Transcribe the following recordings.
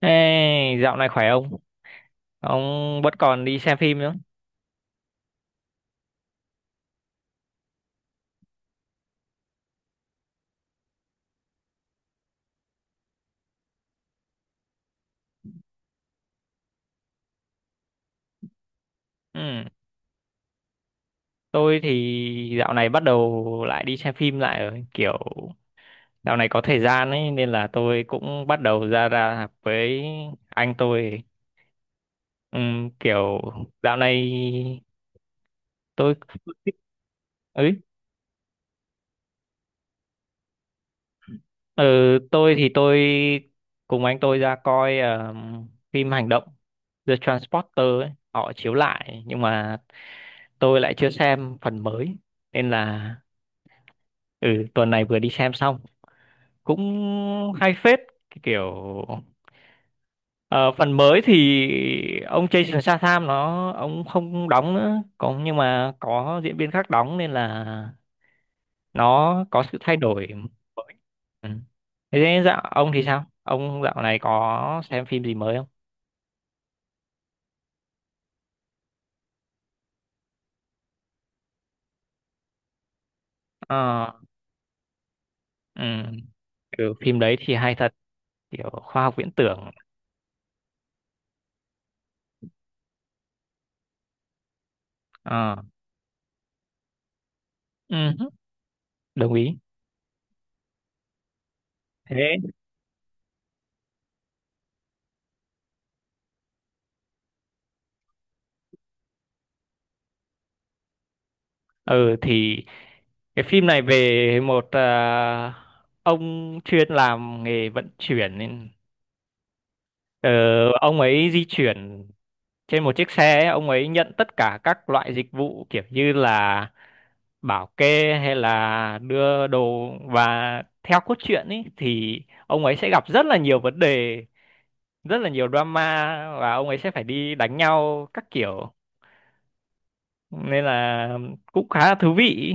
Ê, dạo này khỏe không? Ông vẫn còn đi xem phim nữa. Ừ, tôi thì dạo này bắt đầu lại đi xem phim lại rồi. Kiểu dạo này có thời gian ấy nên là tôi cũng bắt đầu ra ra với anh tôi. Ừ, kiểu dạo này tôi ấy. Ừ, tôi cùng anh tôi ra coi phim hành động The Transporter ấy. Họ chiếu lại nhưng mà tôi lại chưa xem phần mới nên là ừ, tuần này vừa đi xem xong, cũng hay phết. Cái kiểu ờ, phần mới thì ông Jason Statham nó ông không đóng nữa có, nhưng mà có diễn viên khác đóng nên là nó có sự thay đổi mới. Ừ. Thế nên dạo ông thì sao, ông dạo này có xem phim gì mới không? Ờ. Ừ. Ừ, phim đấy thì hay thật, kiểu khoa học viễn tưởng. Ờ. Ừ. Đồng ý. Thế ừ thì cái phim này về một ông chuyên làm nghề vận chuyển nên, Ờ, ông ấy di chuyển trên một chiếc xe ấy, ông ấy nhận tất cả các loại dịch vụ kiểu như là bảo kê hay là đưa đồ, và theo cốt truyện ấy thì ông ấy sẽ gặp rất là nhiều vấn đề, rất là nhiều drama và ông ấy sẽ phải đi đánh nhau các kiểu nên là cũng khá là thú vị.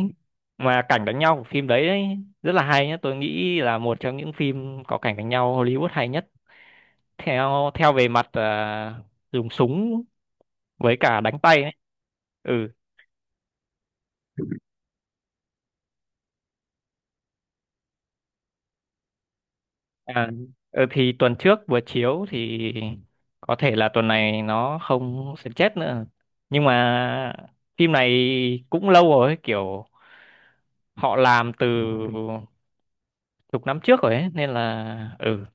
Mà cảnh đánh nhau của phim đấy ấy, rất là hay nhá, tôi nghĩ là một trong những phim có cảnh đánh nhau Hollywood hay nhất theo theo về mặt dùng súng với cả đánh tay ấy. Ừ. À, ừ, thì tuần trước vừa chiếu thì có thể là tuần này nó không sẽ chết nữa, nhưng mà phim này cũng lâu rồi ấy, kiểu họ làm từ chục năm trước rồi ấy nên là ừ.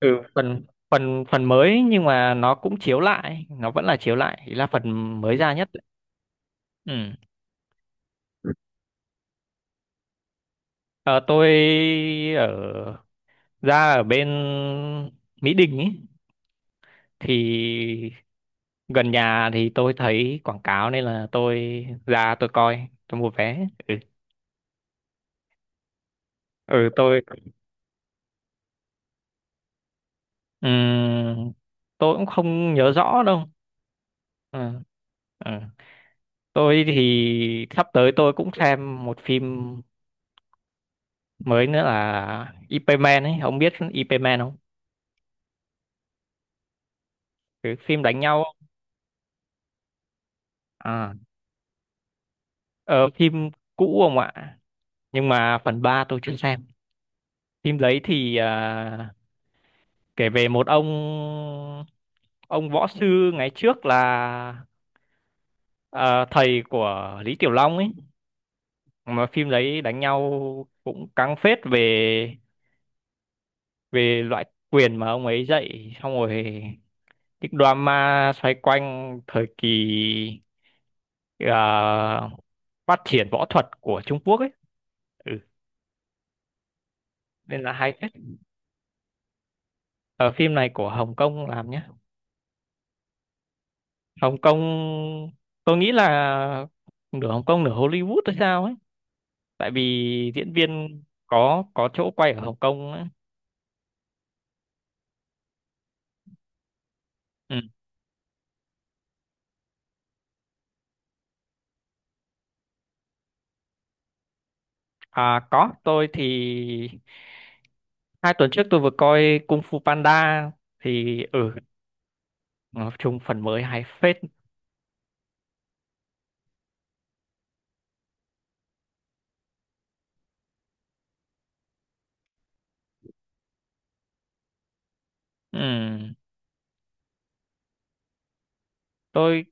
Ừ, phần phần phần mới nhưng mà nó cũng chiếu lại, nó vẫn là chiếu lại, ý là phần mới ra nhất. Ừ. Ờ, tôi ở, ra ở bên Mỹ Đình ấy thì gần nhà thì tôi thấy quảng cáo nên là tôi ra, tôi coi, tôi mua vé, ừ, ừ, ừm, tôi cũng không nhớ rõ đâu, ừ. Ừ, tôi thì sắp tới tôi cũng xem một phim mới nữa là IP Man ấy, ông biết IP Man không? Cái phim đánh nhau. À, ờ, phim cũ không ạ, nhưng mà phần 3 tôi chưa xem. Phim đấy thì kể về một ông võ sư ngày trước là ờ, thầy của Lý Tiểu Long ấy. Mà phim đấy đánh nhau cũng căng phết về về loại quyền mà ông ấy dạy, xong rồi cái drama xoay quanh thời kỳ ờ, phát triển võ thuật của Trung Quốc ấy. Ừ. Nên là hay phết. Ở phim này của Hồng Kông làm nhá, Hồng Kông. Tôi nghĩ là nửa Hồng Kông nửa Hollywood hay sao ấy, tại vì diễn viên có chỗ quay ở Hồng Kông á. Ừ. À, có, tôi thì hai tuần trước tôi vừa coi Kung Fu Panda thì ừ, nói chung phần mới hay phết. Ừ. tôi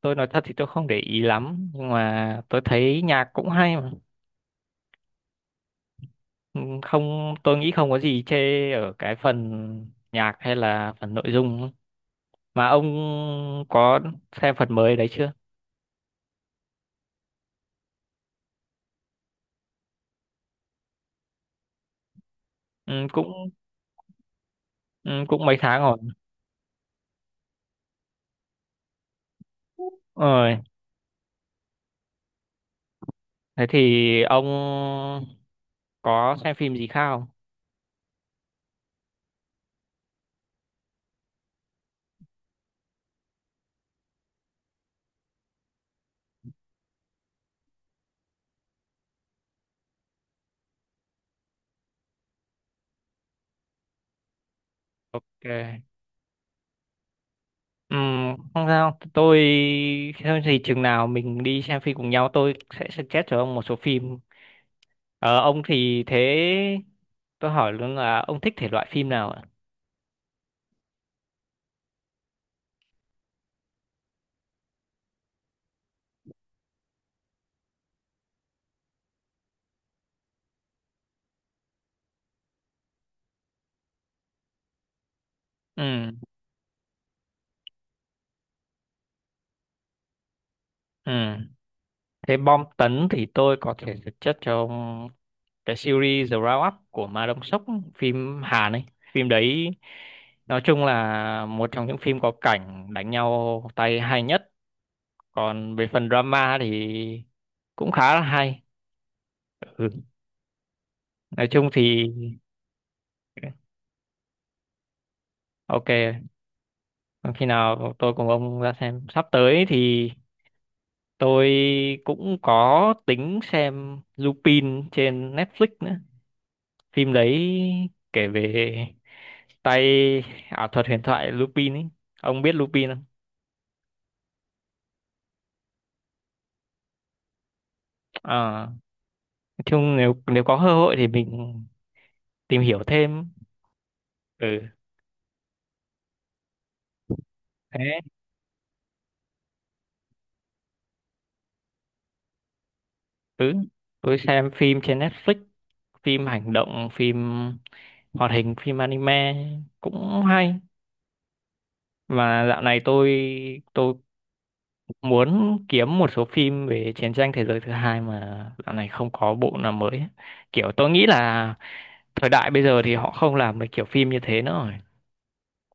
tôi nói thật thì tôi không để ý lắm, nhưng mà tôi thấy nhạc cũng hay mà. Ừ, không, tôi nghĩ không có gì chê ở cái phần nhạc hay là phần nội dung mà. Ông có xem phần mới đấy chưa? Ừ, cũng ừ, cũng mấy tháng rồi. Ừ. Thế thì ông có xem phim gì không? Ok. Ừm, không sao, tôi thôi thì chừng nào mình đi xem phim cùng nhau tôi sẽ suggest cho ông một số phim. Ờ, ông thì thế tôi hỏi luôn là ông thích thể loại phim nào ạ? Ừ. Ừ. Thế bom tấn thì tôi có thể suggest cho ông cái series The Roundup của Ma Đông Sốc, phim Hàn ấy. Phim đấy nói chung là một trong những phim có cảnh đánh nhau tay hay nhất, còn về phần drama thì cũng khá là hay. Ừ. Nói chung thì ok. Còn khi nào tôi cùng ông ra xem sắp tới thì tôi cũng có tính xem Lupin trên Netflix nữa. Phim đấy kể về tay ảo thuật huyền thoại Lupin ấy, ông biết Lupin không? À, nói chung nếu nếu có cơ hội thì mình tìm hiểu thêm. Ừ. Thế. Ừ, tôi xem phim trên Netflix, phim hành động, phim hoạt hình, phim anime cũng hay. Và dạo này tôi muốn kiếm một số phim về chiến tranh thế giới thứ hai mà dạo này không có bộ nào mới ấy. Kiểu tôi nghĩ là thời đại bây giờ thì họ không làm được kiểu phim như thế nữa rồi.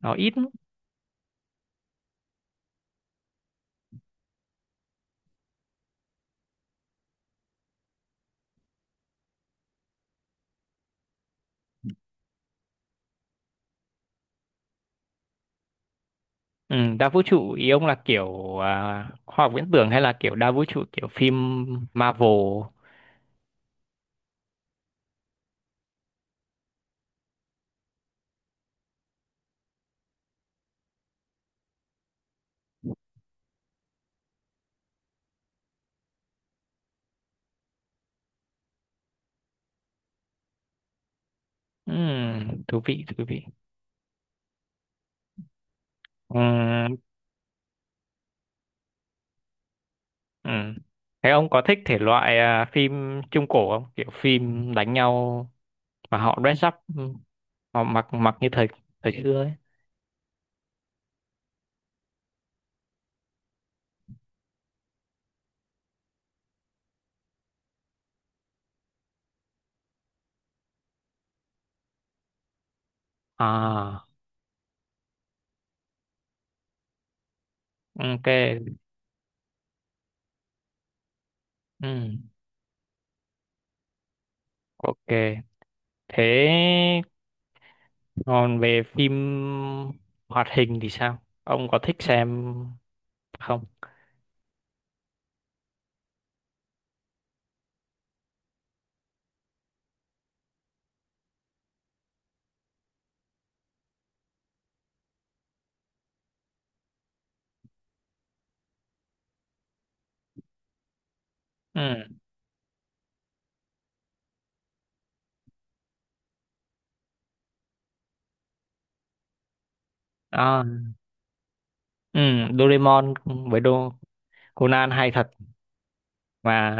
Nó ít lắm. Ừ, đa vũ trụ ý ông là kiểu khoa học viễn tưởng hay là kiểu đa vũ trụ kiểu phim Marvel. Ừ, thú vị, thú vị. Ừ. Ừ. Thế ông có thích thể loại phim trung cổ không? Kiểu phim đánh nhau mà họ dress up, ừ, họ mặc mặc như thời, thời xưa ấy. À, ok, ừ, ok. Thế còn về phim hoạt hình thì sao? Ông có thích xem không? Ừ, à, ừ, Doraemon với Đô, Conan hay thật, mà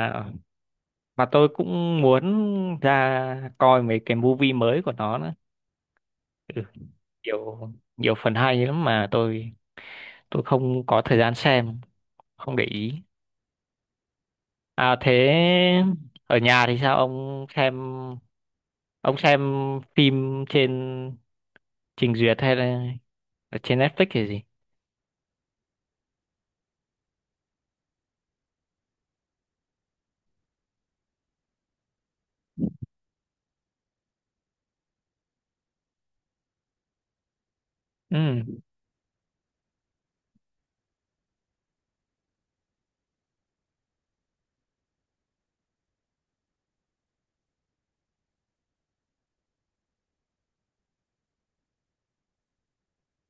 mà tôi cũng muốn ra coi mấy cái movie mới của nó nữa. Ừ, nhiều, nhiều phần hay lắm mà tôi không có thời gian xem, không để ý. À thế ở nhà thì sao, ông xem, ông xem phim trên trình duyệt hay là ở trên Netflix hay gì? Ừ.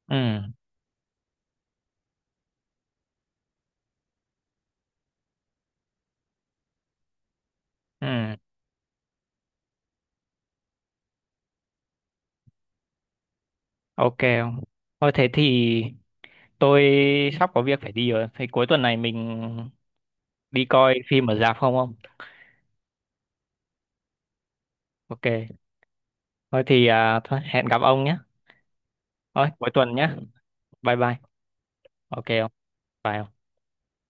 Ừ. Ừ. Ok ông. Thôi thế thì tôi sắp có việc phải đi rồi thì cuối tuần này mình đi coi phim ở rạp không ông? Ok. Thôi thì thôi, hẹn gặp ông nhé, thôi cuối tuần nhé. Bye bye. Ok không? Phải không?